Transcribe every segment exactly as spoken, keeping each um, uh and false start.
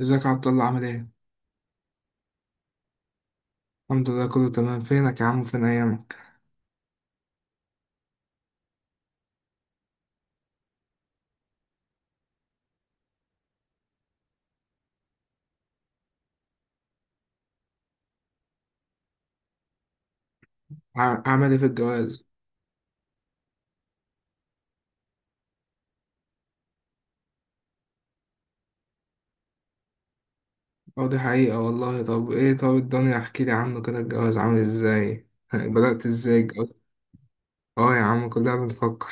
ازيك يا عبد الله، عامل ايه؟ الحمد لله، كله تمام. فينك يا عم وفين ايامك؟ ع- عامل ايه في الجواز؟ اه، دي حقيقة والله. طب ايه، طب الدنيا احكي لي عنه كده، الجواز عامل ازاي؟ بدأت ازاي الجواز؟ اه يا عم، كلنا بنفكر.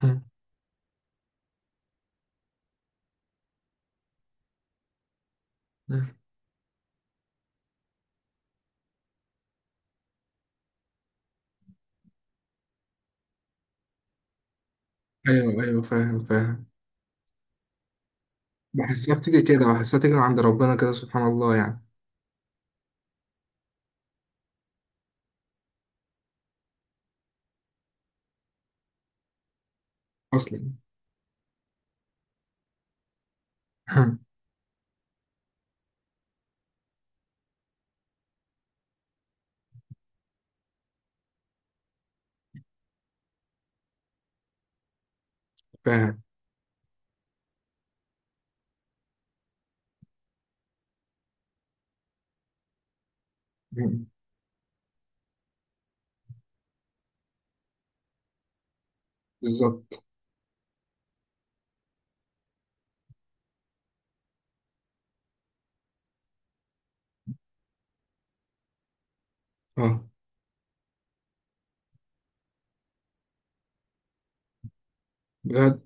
ايوه ايوه، فاهم فاهم. بحسها بتيجي كده، بحسها تيجي من عند ربنا كده، سبحان الله يعني. اصلا. فاهم. بالظبط. اه، بجد؟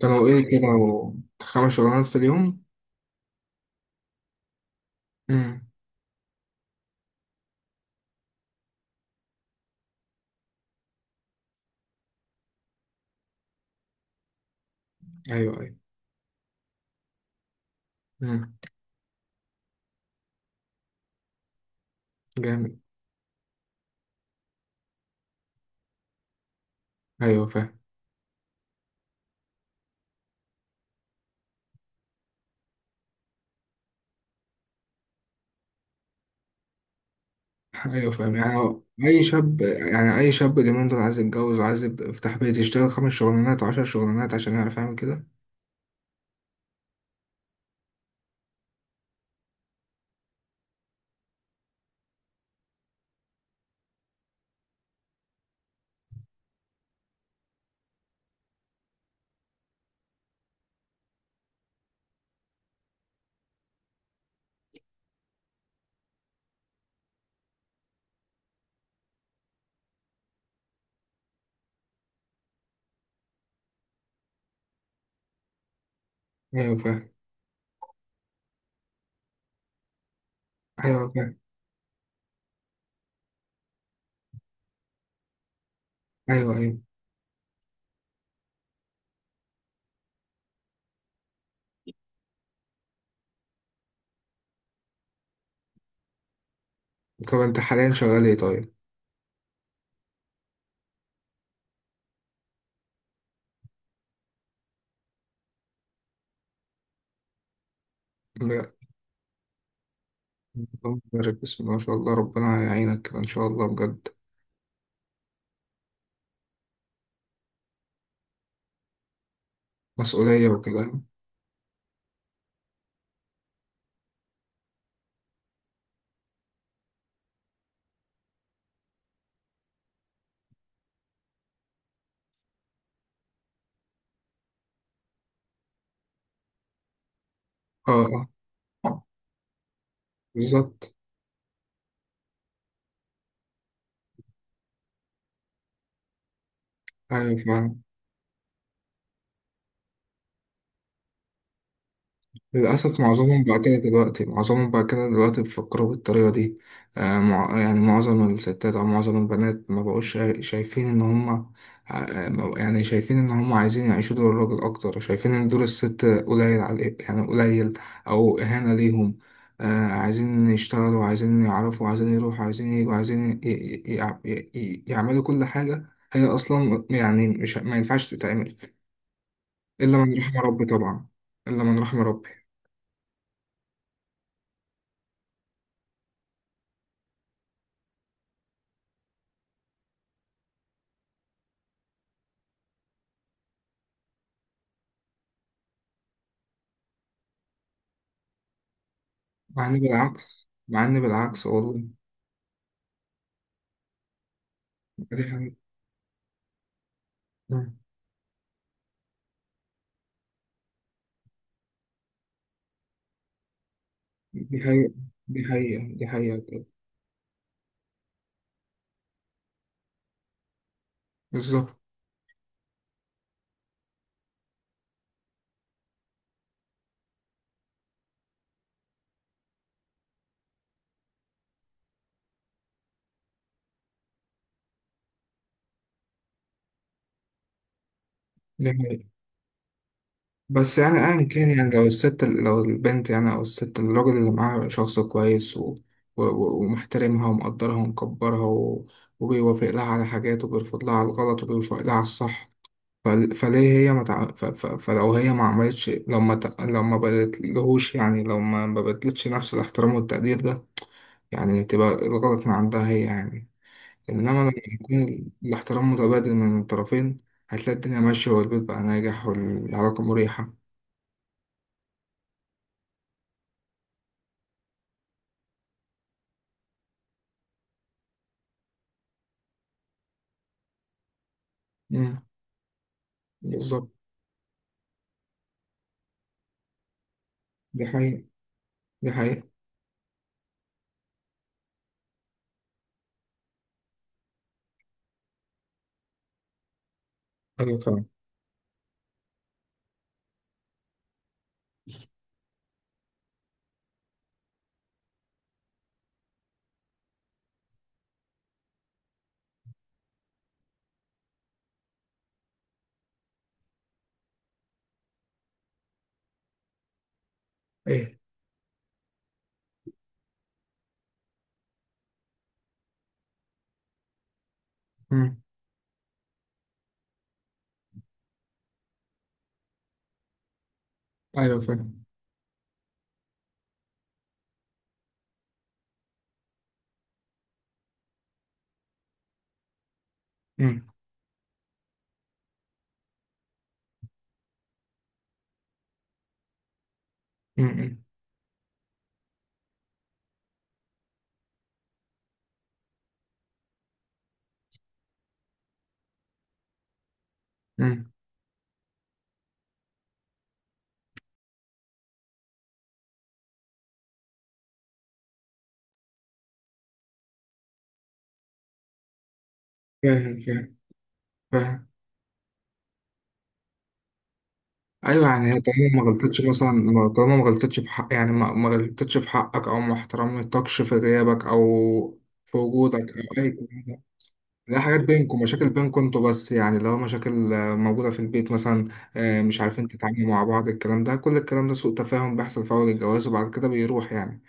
كانوا ايه كده؟ خمس شغلانات في اليوم؟ امم. ايوه ايوه. امم. جامد. ايوه فاهم. ايوه فاهم يعني. اي شاب يعني اي شاب اليومين دول عايز يتجوز، وعايز يبدأ يفتح بيت، يشتغل خمس شغلانات وعشر شغلانات عشان يعرف يعمل كده. ايوه فاهم. ايوه فاهم. ايوه ايوه. طب انت حاليا شغال ايه طيب؟ لا. اللهم بارك، بسم الله ما شاء الله، ربنا يعينك كده ان شاء الله بجد. مسؤولية وكده. اه. اه. بالظبط. ايوه فاهم. للأسف، معظمهم بقى كده دلوقتي معظمهم بقى كده دلوقتي بيفكروا بالطريقة دي. آه، مع- يعني معظم الستات أو معظم البنات ما بقوش شا- شايفين إن هما، آه، ما- يعني شايفين إن هما عايزين يعيشوا دور الراجل أكتر، شايفين إن دور الست قليل على، يعني قليل، أو إهانة ليهم. آه، عايزين يشتغلوا، عايزين يعرفوا، عايزين يروحوا، عايزين يجوا، عايزين ي- ي- ي- ي- يعملوا كل حاجة. هي أصلا يعني مش، ما ينفعش تتعمل إلا من رحم ربي طبعا. إلا من رحم ربي. مع إن بالعكس، مع إن بالعكس والله. دي حقيقة، دي حقيقة، دي حقيقة، دي حقيقة بجد. بالظبط. دي حقيقة. بس يعني أيا كان، يعني لو الست لو البنت، يعني أو الست، الراجل اللي معاها شخص كويس و... و... و- ومحترمها ومقدرها ومكبرها و... وبيوافق لها على حاجات، وبيرفض لها على الغلط، وبيوافق لها على الصح. فل... فليه هي ما تع... ف... ف... فلو هي ما عملتش، لو ما ت... لو ما بدتلهوش، يعني لو ما ما بدلتش نفس الاحترام والتقدير ده، يعني تبقى الغلط من عندها هي يعني. إنما لما يكون الاحترام متبادل من الطرفين، هتلاقي الدنيا ماشية والبيت بقى ناجح والعلاقة مريحة. مم. بالظبط. دي حقيقة. دي حقيقة. أيوة فاهم. إيه؟ مم. أيوه فاهم. مم. مم. مم. مم. فاهم فاهم فاهم. أيوه، يعني هي طالما ما غلطتش مثلا، ما- طالما ما غلطتش في حق، يعني ما ما غلطتش في حقك، أو ما احترمتكش في غيابك، أو في وجودك، أو أي كلام. لا، حاجات بينكم، مشاكل بينكم انتوا بس، يعني لو مشاكل آه، موجودة في البيت مثلا. آه، مش عارفين تتعاملوا مع بعض، الكلام ده كل الكلام ده سوء تفاهم، بيحصل في أول الجواز وبعد كده بيروح يعني.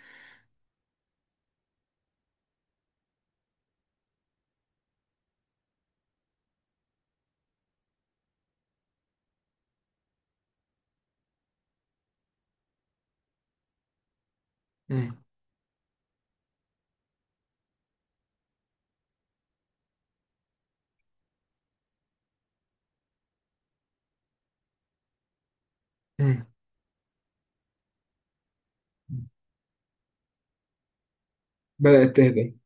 مم. مم. بدأت تهدى.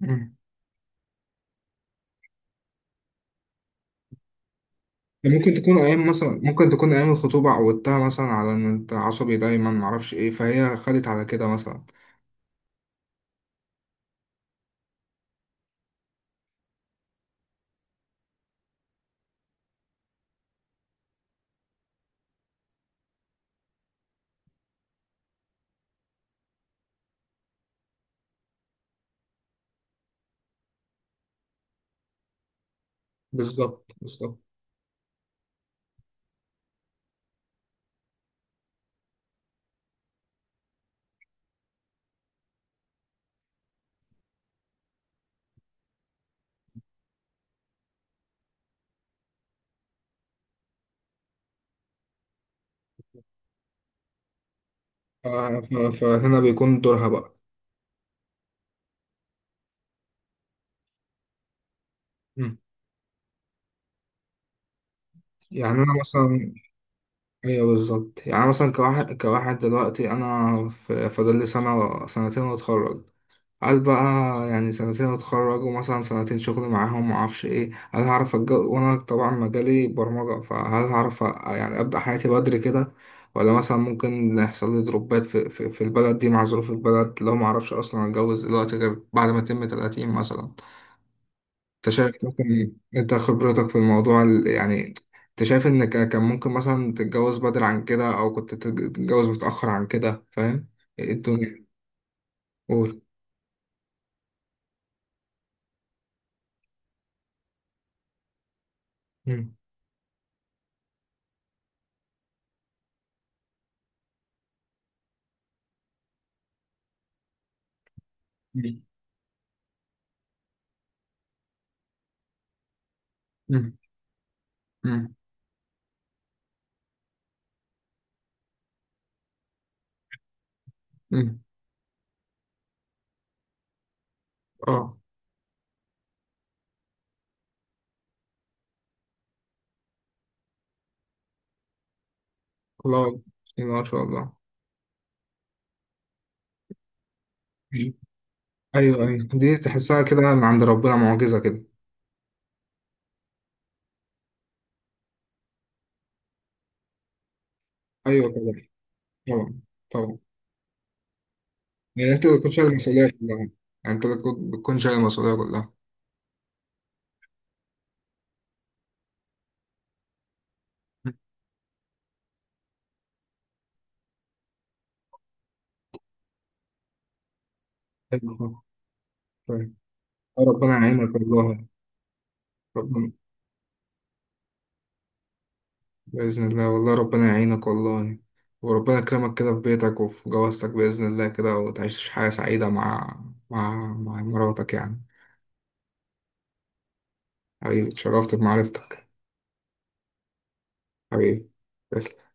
مم. ممكن تكون أيام مثلا ممكن تكون أيام الخطوبة عودتها مثلا على إن أنت عصبي دايما، معرفش إيه، فهي خدت على كده مثلا. بالظبط بالظبط. ف- ف- فهنا بيكون دورها بقى. مم. يعني أنا مثلا. ايوه بالظبط، يعني مثلا كواحد كواحد دلوقتي، انا في- فاضل لي سنه سنتين واتخرج. هل بقى، يعني سنتين اتخرج ومثلا سنتين شغل معاهم، معرفش ايه، هل هعرف أتج- وانا طبعا مجالي برمجه، فهل هعرف أ- يعني ابدا حياتي بدري كده، ولا مثلا ممكن يحصل لي دروبات في, في, في البلد دي مع ظروف البلد، لو معرفش اصلا اتجوز دلوقتي غير بعد ما اتم ثلاثين مثلا؟ انت شايف مثلا، انت خبرتك في الموضوع، ال- يعني انت شايف ان ك- كان ممكن مثلا تتجوز بدري عن كده، او كنت تتج- تتجوز متأخر عن كده فاهم؟ ايه الدنيا؟ قول. مم. مم. مم. مم. مم. اه. الله. بسم الله ما شاء الله. مم. ايوه ايوه، دي تحسها كده من عند ربنا، معجزة كده. ايوه طبعا. طبعا. طبعا. يعني انت اللي بتكون شايل المسؤولية كلها يعني. انت اللي بتكون بتكون شايل المسؤولية كلها. مم. ايوه طبعا. طيب. ربنا يعينك والله. ربنا. بإذن الله والله، ربنا يعينك والله. وربنا يكرمك كده في بيتك وفي جوازتك بإذن الله كده، وتعيش حياة سعيدة مع مع مع مراتك يعني. حبيبي، اتشرفت بمعرفتك. حبيبي، تسلم.